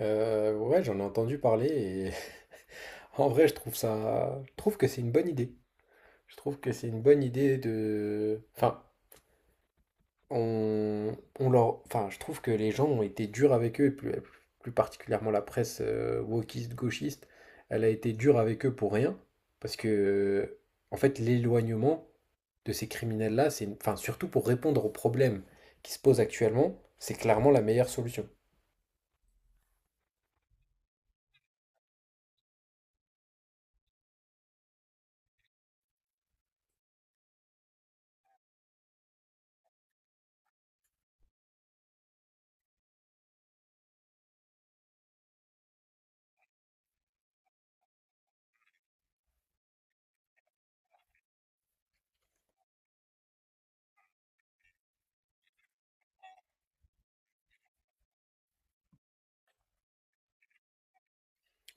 Ouais, j'en ai entendu parler et en vrai, je trouve que c'est une bonne idée. Je trouve que c'est une bonne idée de, enfin, on leur, enfin, je trouve que les gens ont été durs avec eux, et plus particulièrement la presse wokiste, gauchiste, elle a été dure avec eux pour rien, parce que, en fait, l'éloignement de ces criminels-là, c'est, enfin, surtout pour répondre aux problèmes qui se posent actuellement, c'est clairement la meilleure solution.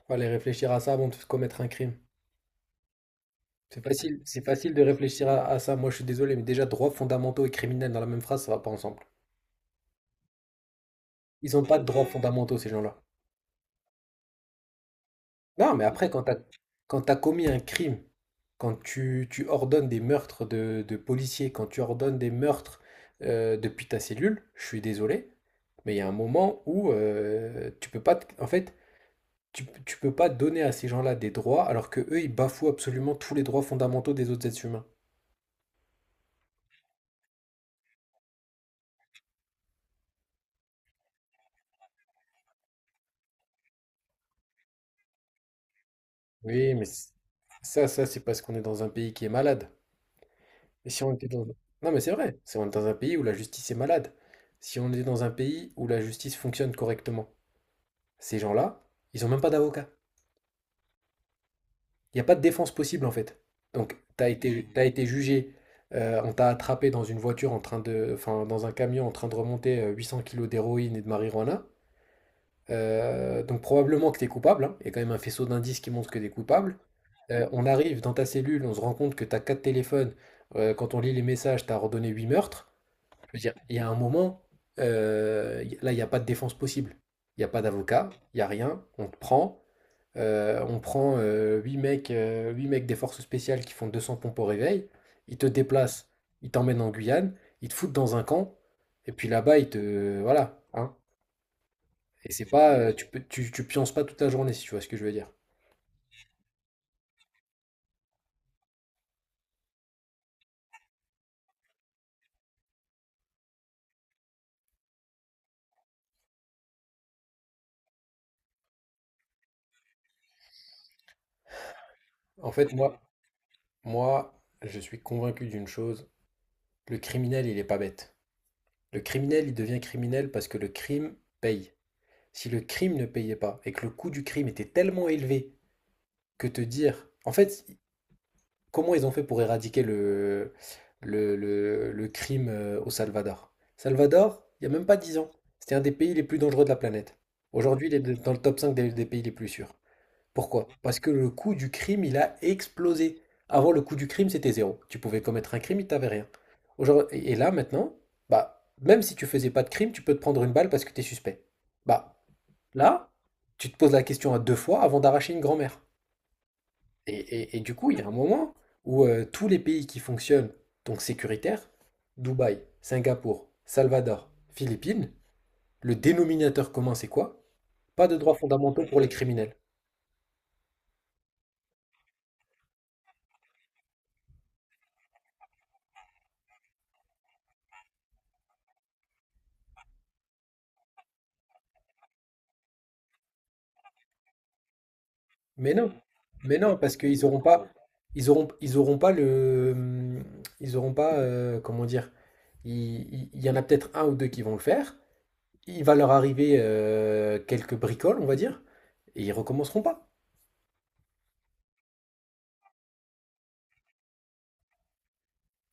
Faut aller réfléchir à ça avant de commettre un crime. C'est facile de réfléchir à ça. Moi, je suis désolé, mais déjà, droits fondamentaux et criminels dans la même phrase, ça va pas ensemble. Ils ont pas de droits fondamentaux, ces gens-là. Non, mais après, quand t'as commis un crime, quand tu ordonnes des meurtres de policiers, quand tu ordonnes des meurtres depuis ta cellule, je suis désolé, mais il y a un moment où tu peux pas, en fait, tu peux pas donner à ces gens-là des droits alors que eux, ils bafouent absolument tous les droits fondamentaux des autres êtres humains. Oui, mais ça, ça, c'est parce qu'on est dans un pays qui est malade. Mais si on était dans... Non, mais c'est vrai, si on est dans un pays où la justice est malade, si on est dans un pays où la justice fonctionne correctement, ces gens-là, ils ont même pas d'avocat. Il n'y a pas de défense possible en fait. Donc, t'as été jugé, on t'a attrapé dans une voiture en train de... Enfin, dans un camion en train de remonter 800 kilos d'héroïne et de marijuana. Donc probablement que t'es coupable, hein. Il y a quand même un faisceau d'indices qui montre que t'es coupable. On arrive dans ta cellule, on se rend compte que t'as quatre téléphones. Quand on lit les messages, t'as ordonné huit meurtres. Je veux dire, il y a un moment, là, il n'y a pas de défense possible. Il n'y a pas d'avocat, il n'y a rien. On te prend. On prend huit mecs des forces spéciales qui font 200 pompes au réveil. Ils te déplacent, ils t'emmènent en Guyane, ils te foutent dans un camp. Et puis là-bas, ils te. Voilà. Hein. Et c'est pas. Tu pionces pas toute la journée, si tu vois ce que je veux dire. En fait, moi, je suis convaincu d'une chose. Le criminel, il est pas bête. Le criminel, il devient criminel parce que le crime paye. Si le crime ne payait pas et que le coût du crime était tellement élevé que te dire, en fait, comment ils ont fait pour éradiquer le crime au Salvador? Salvador, il n'y a même pas 10 ans, c'était un des pays les plus dangereux de la planète. Aujourd'hui, il est dans le top 5 des pays les plus sûrs. Pourquoi? Parce que le coût du crime, il a explosé. Avant, le coût du crime, c'était zéro. Tu pouvais commettre un crime, il t'avait rien. Aujourd'hui, et là, maintenant, bah, même si tu faisais pas de crime, tu peux te prendre une balle parce que tu es suspect. Bah, là, tu te poses la question à deux fois avant d'arracher une grand-mère. Et du coup, il y a un moment où tous les pays qui fonctionnent, donc sécuritaires, Dubaï, Singapour, Salvador, Philippines, le dénominateur commun, c'est quoi? Pas de droits fondamentaux pour les criminels. Mais non, mais non, parce qu'ils n'auront pas, ils auront pas le, ils auront pas, comment dire, il, il y en a peut-être un ou deux qui vont le faire. Il va leur arriver quelques bricoles, on va dire, et ils recommenceront pas.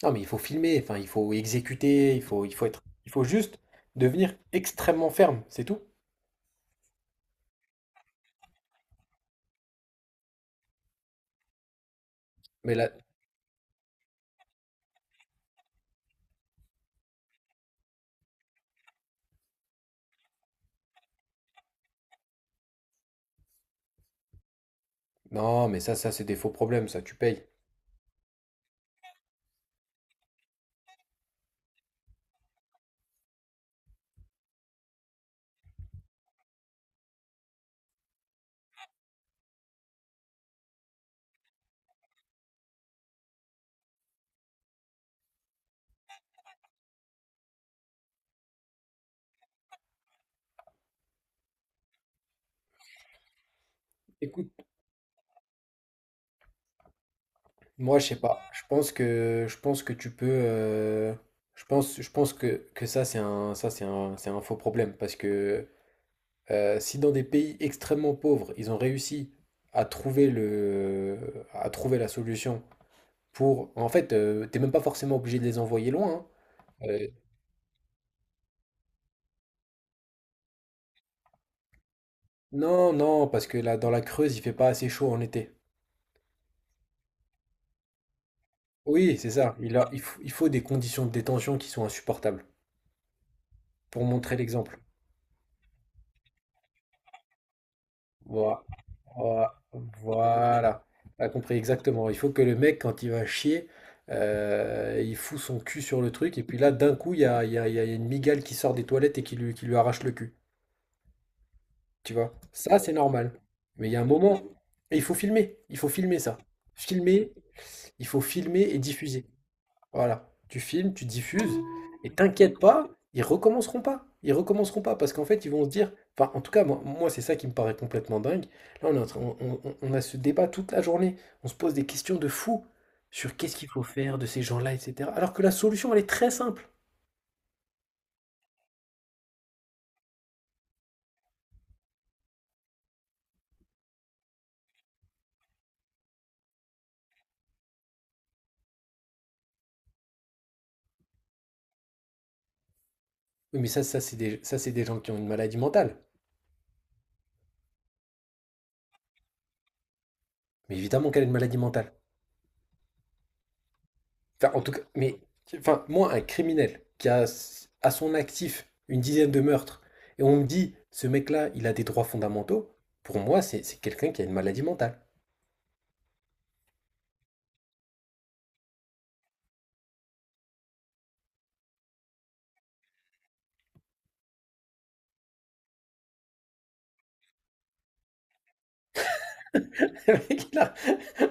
Non, mais il faut filmer, enfin, il faut exécuter, il faut être, il faut juste devenir extrêmement ferme, c'est tout. Mais là, non, mais ça, c'est des faux problèmes, ça, tu payes. Écoute, moi, je sais pas. Je pense que tu peux, je pense que ça, c'est un faux problème parce que si dans des pays extrêmement pauvres, ils ont réussi à trouver le, à trouver la solution pour, en fait, t'es même pas forcément obligé de les envoyer loin. Hein. Euh, Non, non, parce que là, dans la Creuse, il fait pas assez chaud en été. Oui, c'est ça. Il faut des conditions de détention qui sont insupportables pour montrer l'exemple. Voi- voi- Voilà. T'as compris exactement. Il faut que le mec, quand il va chier, il fout son cul sur le truc. Et puis là, d'un coup, il y a, il y a- il y a une migale qui sort des toilettes et qui lui arrache le cul. Tu vois? Ça, c'est normal. Mais il y a un moment, et il faut filmer. Il faut filmer ça. Filmer, il faut filmer et diffuser. Voilà, tu filmes, tu diffuses, et t'inquiète pas, ils recommenceront pas. Ils recommenceront pas parce qu'en fait, ils vont se dire. Enfin, en tout cas, moi, c'est ça qui me paraît complètement dingue. Là, on est en train- on a ce débat toute la journée. On se pose des questions de fou sur qu'est-ce qu'il faut faire de ces gens-là, etc. Alors que la solution, elle est très simple. Oui, mais ça, c'est des gens qui ont une maladie mentale. Mais évidemment qu'elle a une maladie mentale. Enfin, en tout cas, mais enfin, moi, un criminel qui a à son actif une dizaine de meurtres, et on me dit, ce mec-là, il a des droits fondamentaux, pour moi, c'est quelqu'un qui a une maladie mentale. Le mec,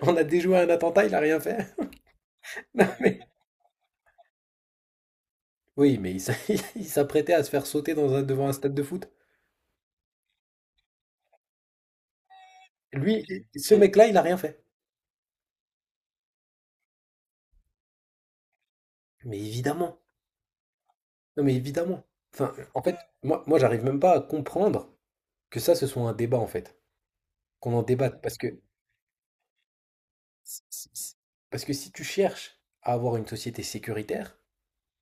on a déjoué un attentat, il a rien fait. Non, oui, mais il s'apprêtait à se faire sauter dans devant un stade de foot. Lui, ce mec-là, il a rien fait. Mais évidemment. Non, mais évidemment. Enfin, en fait, moi, j'arrive même pas à comprendre que ça, ce soit un débat, en fait. Qu'on en débatte. Parce que Si- si- si- si tu cherches à avoir une société sécuritaire,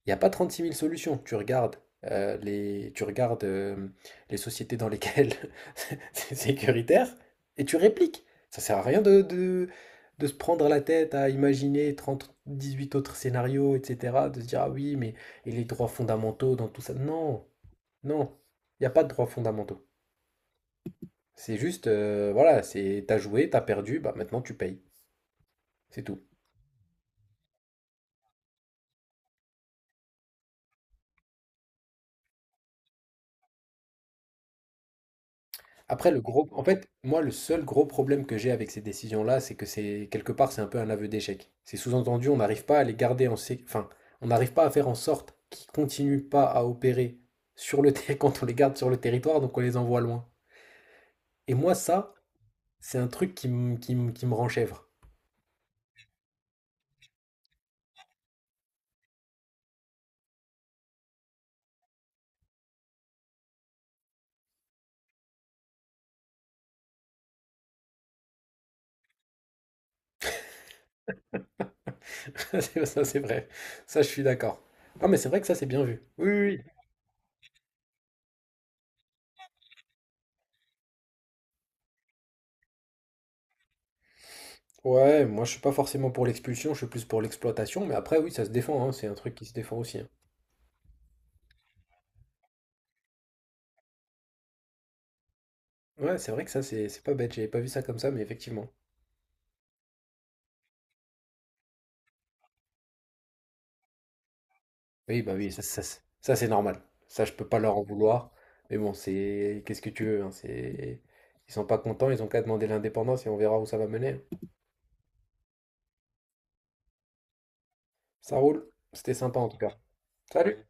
il n'y a pas 36 000 solutions. Tu regardes les sociétés dans lesquelles c'est sécuritaire et tu répliques. Ça sert à rien de se prendre la tête à imaginer trente dix-huit autres scénarios, etc. De se dire, ah oui, mais et les droits fondamentaux dans tout ça. Non, non, il n'y a pas de droits fondamentaux. C'est juste, voilà, c'est t'as joué, t'as perdu, bah maintenant tu payes. C'est tout. Après, le gros, en fait, moi, le seul gros problème que j'ai avec ces décisions-là, c'est que c'est quelque part, c'est un peu un aveu d'échec. C'est sous-entendu, on n'arrive pas à les garder en enfin, on n'arrive pas à faire en sorte qu'ils continuent pas à opérer sur le terrain quand on les garde sur le territoire, donc on les envoie loin. Et moi, ça, c'est un truc qui me qui me rend chèvre. Ça, c'est vrai. Ça, je suis d'accord. Ah, mais c'est vrai que ça, c'est bien vu. Oui, oui. Oui. Ouais, moi, je suis pas forcément pour l'expulsion, je suis plus pour l'exploitation, mais après, oui, ça se défend, hein. C'est un truc qui se défend aussi. Hein. Ouais, c'est vrai que ça, c'est pas bête. J'avais pas vu ça comme ça, mais effectivement. Oui, bah oui, ça, ça, c'est normal. Ça, je peux pas leur en vouloir. Mais bon, c'est. Qu'est-ce que tu veux, hein, c'est... Ils sont pas contents, ils ont qu'à demander l'indépendance et on verra où ça va mener. Ça roule. C'était sympa en tout cas. Salut!